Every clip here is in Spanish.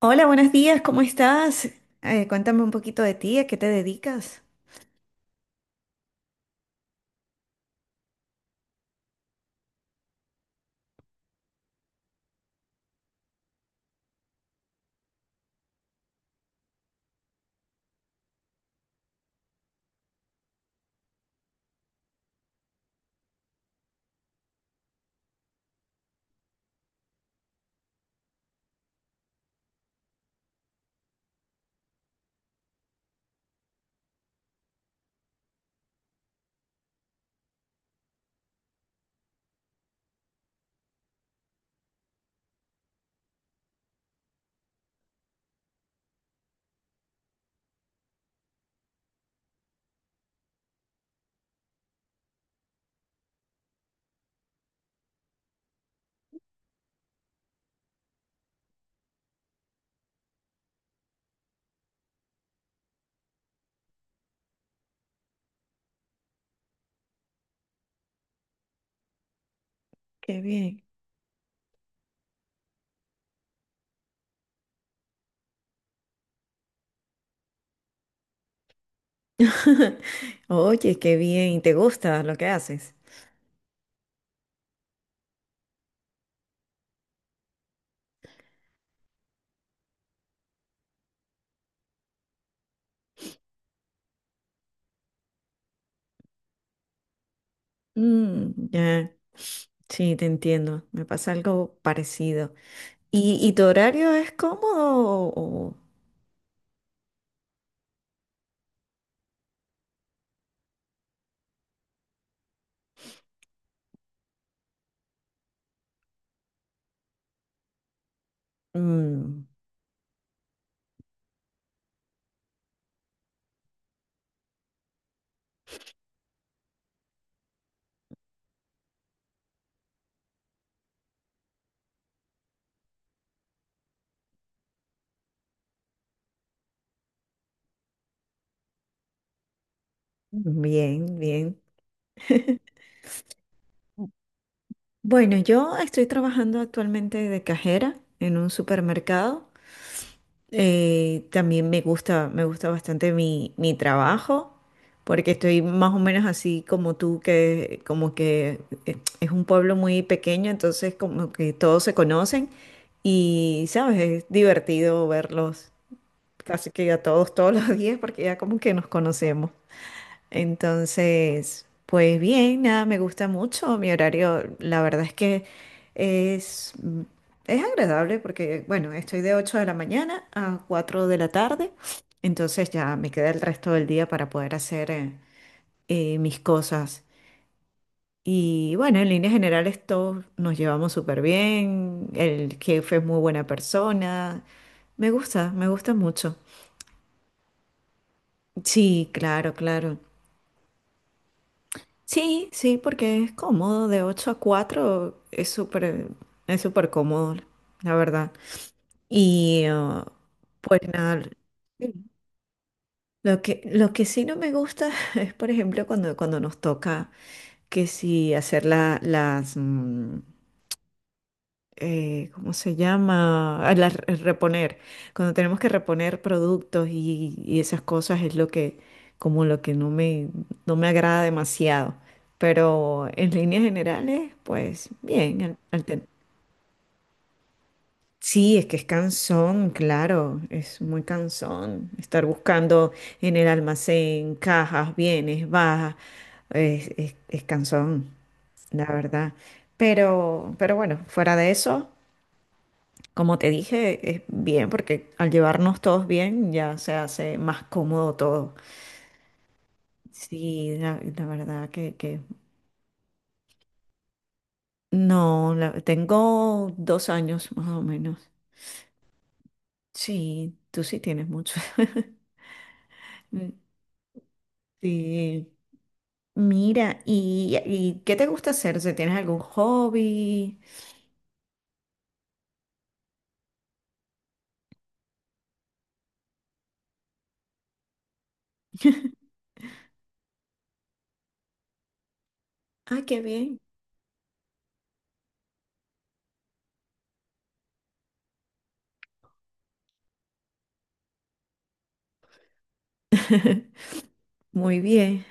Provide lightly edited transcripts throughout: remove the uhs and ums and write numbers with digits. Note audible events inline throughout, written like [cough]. Hola, buenos días, ¿cómo estás? Cuéntame un poquito de ti, ¿a qué te dedicas? Qué bien. [laughs] Oye, qué bien, ¿te gusta lo que haces? Mm, ya, sí, te entiendo, me pasa algo parecido. ¿Y, tu horario es cómodo o- o- mm, bien, bien? Bueno, yo estoy trabajando actualmente de cajera en un supermercado. También me gusta bastante mi trabajo, porque estoy más o menos así como tú, que es un pueblo muy pequeño, entonces como que todos se conocen y, ¿sabes? Es divertido verlos casi que a todos todos los [laughs] días porque ya como que nos conocemos. Entonces, pues bien, nada, me gusta mucho. Mi horario, la verdad es que es, es agradable porque, bueno, estoy de 8 de la mañana a 4 de la tarde. Entonces ya me queda el resto del día para poder hacer mis cosas. Y bueno, en líneas generales todos nos llevamos súper bien. El jefe es muy buena persona. Me gusta mucho. Sí, claro, claro. Sí, sí, porque es cómodo, de 8 a 4 es súper cómodo, la verdad. Y ah, pues nada, Sí. Lo que, lo que sí no me gusta [laughs] es, por ejemplo, cuando, cuando nos toca que si hacer la- las, mm, ¿cómo se llama? Ah, el reponer. Cuando tenemos que reponer productos y esas cosas es lo que, como lo que no me agrada demasiado. Pero en líneas generales, pues bien. Sí, es que es cansón, claro, es muy cansón estar buscando en el almacén cajas, bienes, bajas, es cansón, la verdad. Pero bueno, fuera de eso. Como te dije, es bien porque al llevarnos todos bien ya se hace más cómodo todo. Sí, la verdad que no, tengo dos años más o menos. Sí, tú sí tienes mucho. [laughs] Mm, sí. Mira, ¿y, qué te gusta hacer? ¿Si tienes algún hobby? [laughs] Ah, qué bien. [laughs] Muy bien.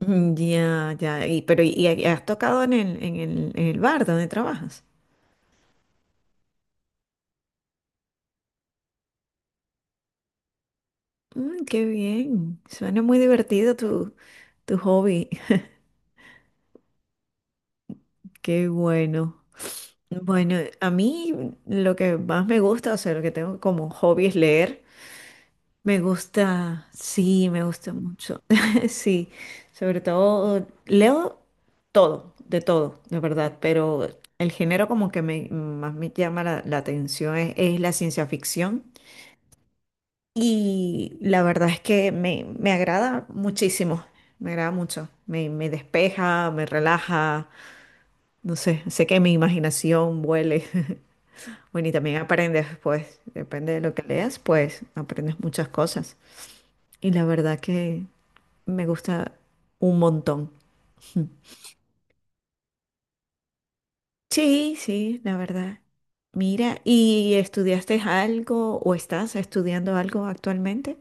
Mm, ya, ya. Y, pero, ¿y has tocado en el, en el, en el bar donde trabajas? Mm, qué bien. Suena muy divertido tu hobby. [laughs] Qué bueno. Bueno, a mí lo que más me gusta, o sea, lo que tengo como hobby es leer. Me gusta, sí, me gusta mucho. [laughs] Sí, sobre todo leo todo, de verdad, pero el género como que más me llama la atención es la ciencia ficción. Y la verdad es que me agrada muchísimo, me agrada mucho, me despeja, me relaja, no sé, sé que mi imaginación vuele. [laughs] Bueno, y también aprendes, pues, depende de lo que leas, pues aprendes muchas cosas. Y la verdad que me gusta un montón. [laughs] Mm. Sí, sí, la verdad. Mira, ¿y estudiaste algo o estás estudiando algo actualmente?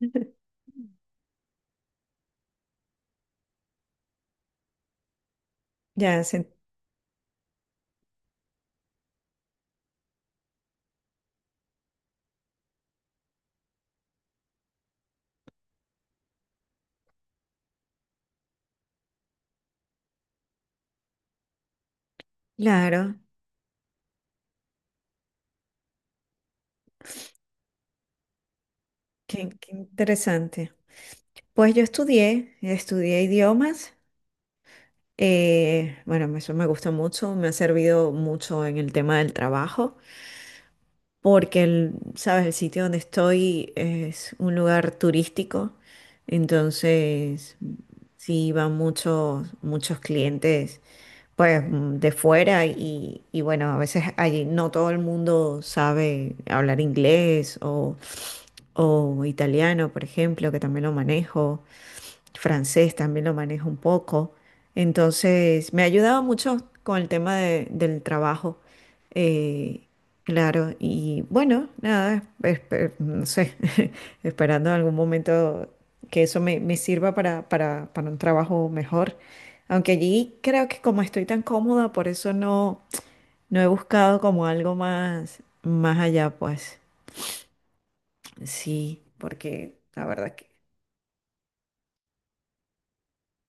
[laughs] Ya, claro, qué, qué interesante. Pues yo estudié, estudié idiomas. Bueno, eso me gusta mucho, me ha servido mucho en el tema del trabajo, porque el, sabes, el sitio donde estoy es un lugar turístico, entonces sí van muchos, muchos clientes, pues de fuera y bueno, a veces allí no todo el mundo sabe hablar inglés o italiano, por ejemplo, que también lo manejo, francés también lo manejo un poco. Entonces, me ha ayudado mucho con el tema del trabajo. eh, claro, y bueno, nada, no sé, [laughs] esperando en algún momento que eso me sirva para un trabajo mejor. Aunque allí creo que como estoy tan cómoda, por eso no, no he buscado como algo más, más allá, pues sí, porque la verdad.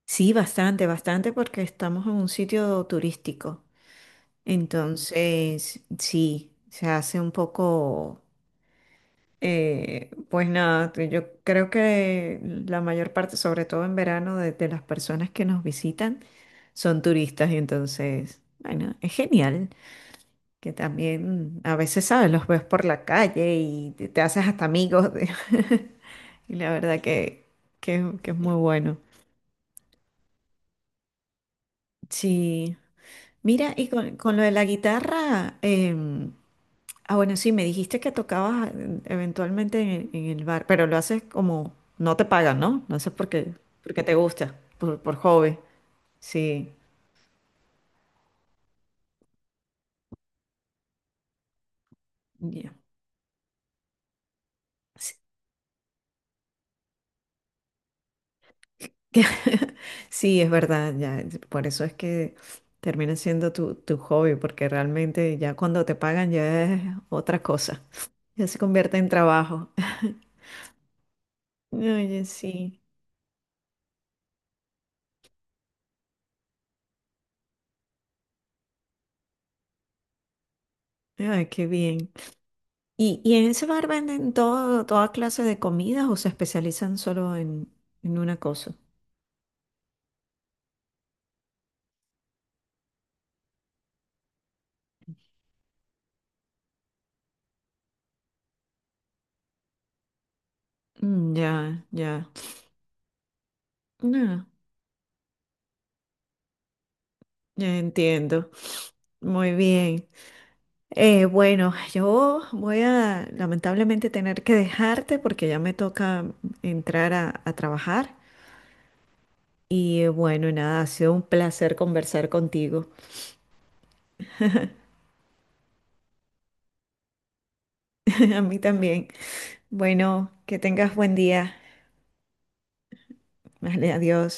Sí, bastante, bastante, porque estamos en un sitio turístico. Entonces, sí, se hace un poco, pues nada, que yo creo que la mayor parte, sobre todo en verano, de las personas que nos visitan son turistas. Y entonces, bueno, es genial que también a veces, ¿sabes? Los ves por la calle y te haces hasta amigos. [laughs] Y la verdad que es muy bueno. Sí. Mira, y con lo de la guitarra, ah, bueno, sí, me dijiste que tocabas eventualmente en el bar, pero lo haces como, no te pagan, ¿no? No haces porque, porque te gusta, por hobby. Sí, ya. Sí, [laughs] sí, es verdad, ya, por eso es que termina siendo tu hobby, porque realmente ya cuando te pagan ya es otra cosa, ya se convierte en trabajo. [laughs] Oye, sí, ay, qué bien. ¿Y, en ese bar venden todo, toda clase de comidas o se especializan solo en una cosa? Mm, ya, ya. No, ya entiendo. Muy bien. Bueno, yo voy a lamentablemente tener que dejarte porque ya me toca entrar a trabajar. Bueno, nada, ha sido un placer conversar contigo. [laughs] A mí también. Bueno, que tengas buen día. Vale, adiós.